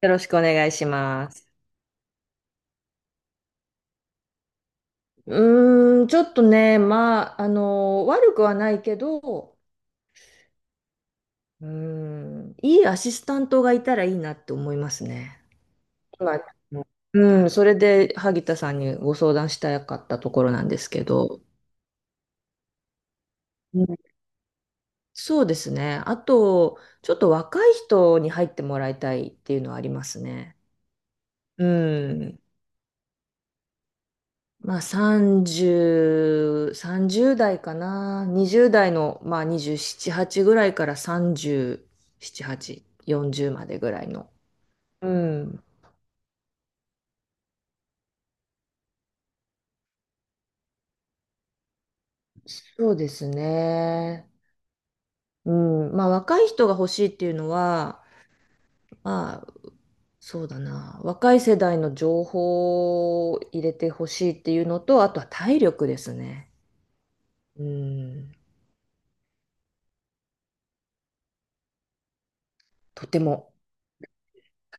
よろしくお願いします。うーん、ちょっとね、まあ、悪くはないけど、うーん、いいアシスタントがいたらいいなって思いますね。まあうん、それで萩田さんにご相談したかったところなんですけど、うん、そうですね。あと、ちょっと若い人に入ってもらいたいっていうのはありますね。うん。まあ30代かな。20代の、まあ27、8ぐらいから37、8、40までぐらいの。うん。そうですね。うん。まあ若い人が欲しいっていうのは、まあそうだな。若い世代の情報を入れてほしいっていうのと、あとは体力ですね。うん。とても、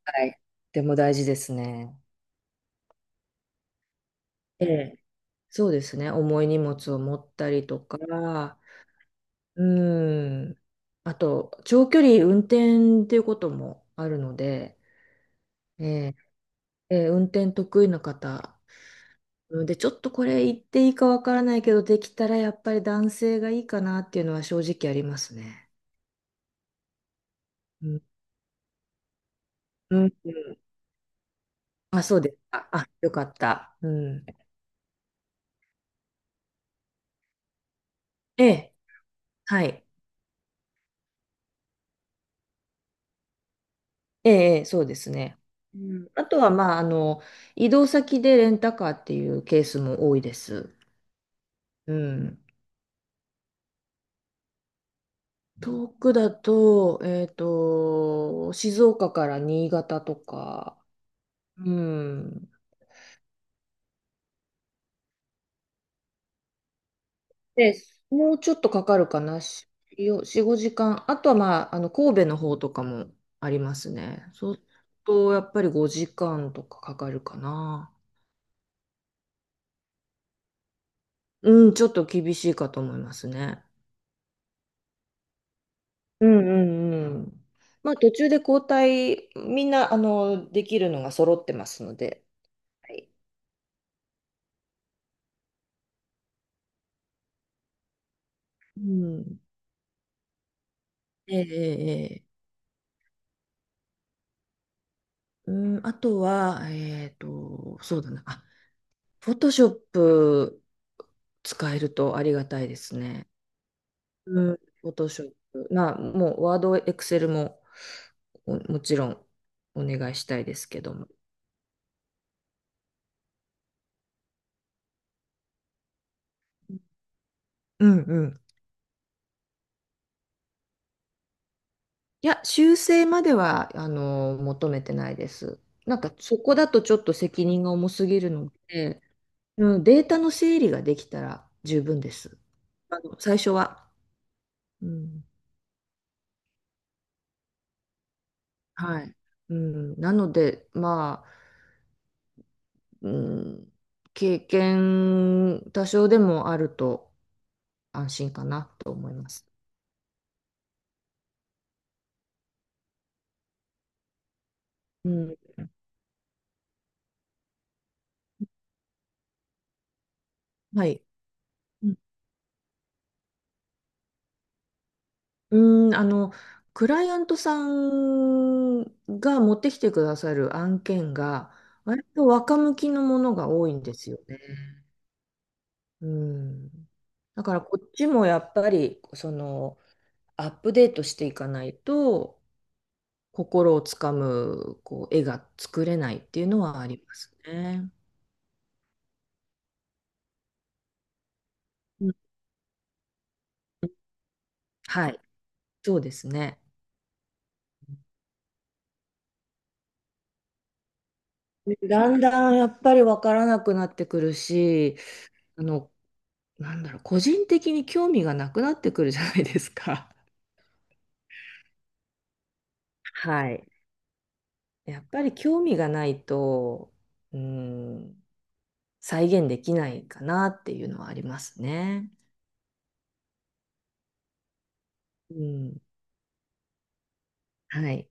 はい。とても大事ですね。ええ、そうですね、重い荷物を持ったりとか、うん、あと、長距離運転っていうこともあるので、え運転得意な方、うんで、ちょっとこれ言っていいかわからないけど、できたらやっぱり男性がいいかなっていうのは正直ありますね。うん、うん、あ、そうですか。あ、よかった。うん、ええ、はい。ええ、ええ、そうですね。うん、あとは、まあ、移動先でレンタカーっていうケースも多いです。うん。遠くだと、静岡から新潟とか、うん。で、もうちょっとかかるかな、4、5時間。あとは、まあ、神戸の方とかもありますね。そうすると、やっぱり5時間とかかかるかな。うん、ちょっと厳しいかと思いますね。うんうんうん。まあ、途中で交代、みんな、できるのが揃ってますので。はい。うん。ええええ。うん、あとは、そうだな。あ、フォトショップ使えるとありがたいですね。うん、フォトショップ。まあ、もう、ワード、エクセルも、おもちろん、お願いしたいですけども。うんうん。いや、修正までは、求めてないです。なんか、そこだとちょっと責任が重すぎるので、うん、データの整理ができたら十分です。最初は。うん、はい。うん、なので、まあ、うん、経験多少でもあると安心かなと思います。うん、はい。うん、うん、クライアントさんが持ってきてくださる案件が、割と若向きのものが多いんですよね。うん。だからこっちもやっぱり、アップデートしていかないと、心をつかむこう絵が作れないっていうのはありますね。うん、はい、そうですね。だんだんやっぱり分からなくなってくるし、あの、個人的に興味がなくなってくるじゃないですか。はい。やっぱり興味がないと、うん、再現できないかなっていうのはありますね。うん。はい。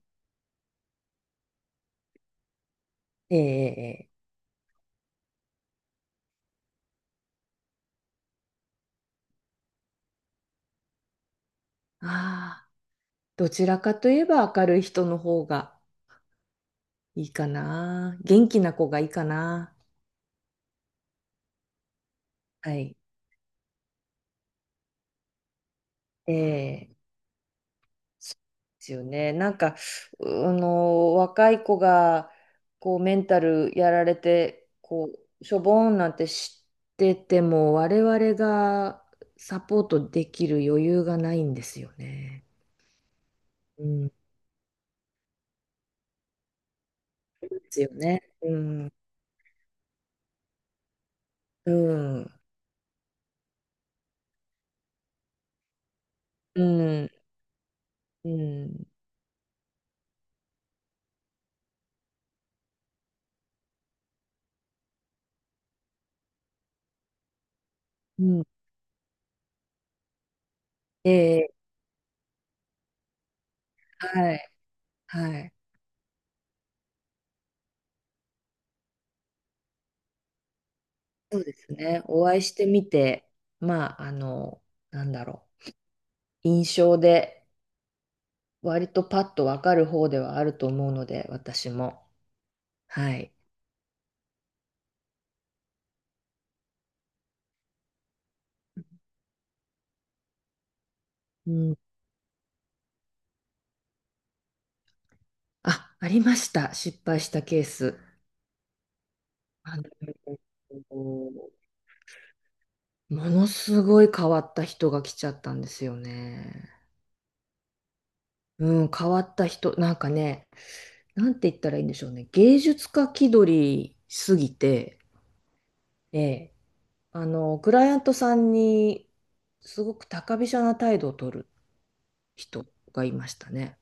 ええええ。ああ、どちらかといえば明るい人の方が。いいかな。元気な子がいいかな。はい。ええ、そうですよね。なんか、うあの、若い子が、こう、メンタルやられて、こう、しょぼーんなんて知ってても、我々がサポートできる余裕がないんですよね。うん。ですよね。うん。うん。うん。うん。うん。ええ、はい。はい。そうですね。お会いしてみて、まあ、なんだろ印象で、割とパッとわかる方ではあると思うので、私も。はい。うん。あ、ありました。失敗したケース。あの、ものすごい変わった人が来ちゃったんですよね。うん、変わった人、なんかね、なんて言ったらいいんでしょうね。芸術家気取りすぎて、ええクライアントさんにすごく高飛車な態度を取る人がいましたね。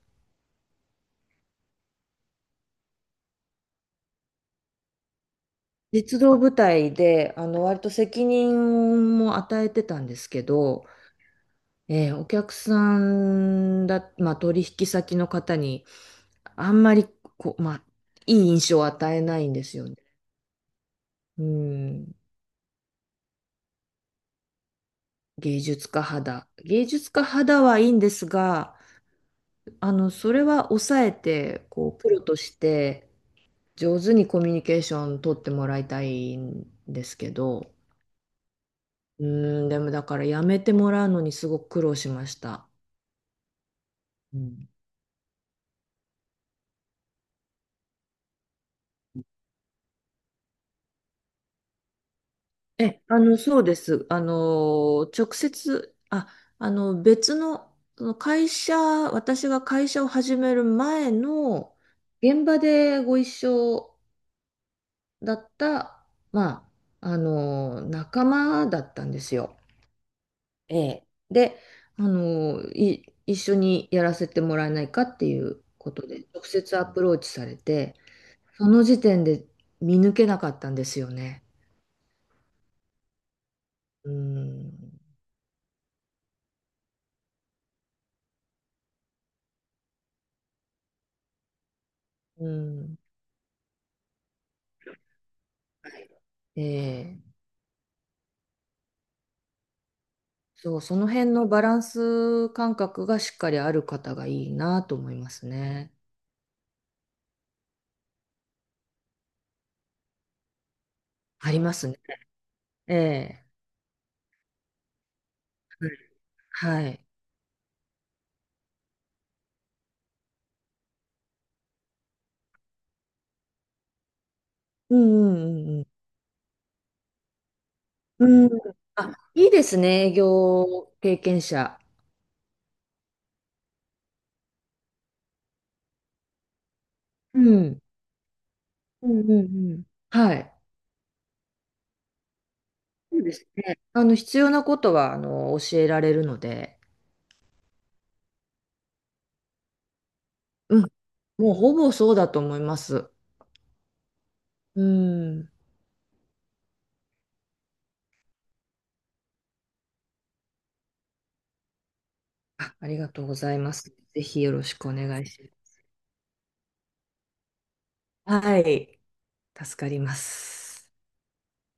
実動部隊で、割と責任も与えてたんですけど、えーお客さんだ、まあ、取引先の方にあんまりこう、まあ、いい印象を与えないんですよね。うん、芸術家肌。芸術家肌はいいんですが、それは抑えて、こう、プロとして、上手にコミュニケーション取ってもらいたいんですけど、うーん、でもだからやめてもらうのにすごく苦労しました。うん。え、あの、そうです。直接、別の、その会社、私が会社を始める前の現場でご一緒だった、まあ、仲間だったんですよ。ええ。で、一緒にやらせてもらえないかっていうことで、直接アプローチされて、その時点で見抜けなかったんですよね。うん。うん。はい、ええ。そう、その辺のバランス感覚がしっかりある方がいいなと思いますね。ありますね。ええ。はい。うんうんうんうん。うん。あ、いいですね、営業経験者。うん。うんうんうん。はい。そうですね。必要なことは、教えられるので、うん。もうほぼそうだと思います。うん。あ、ありがとうございます。ぜひよろしくお願いします。はい。助かります。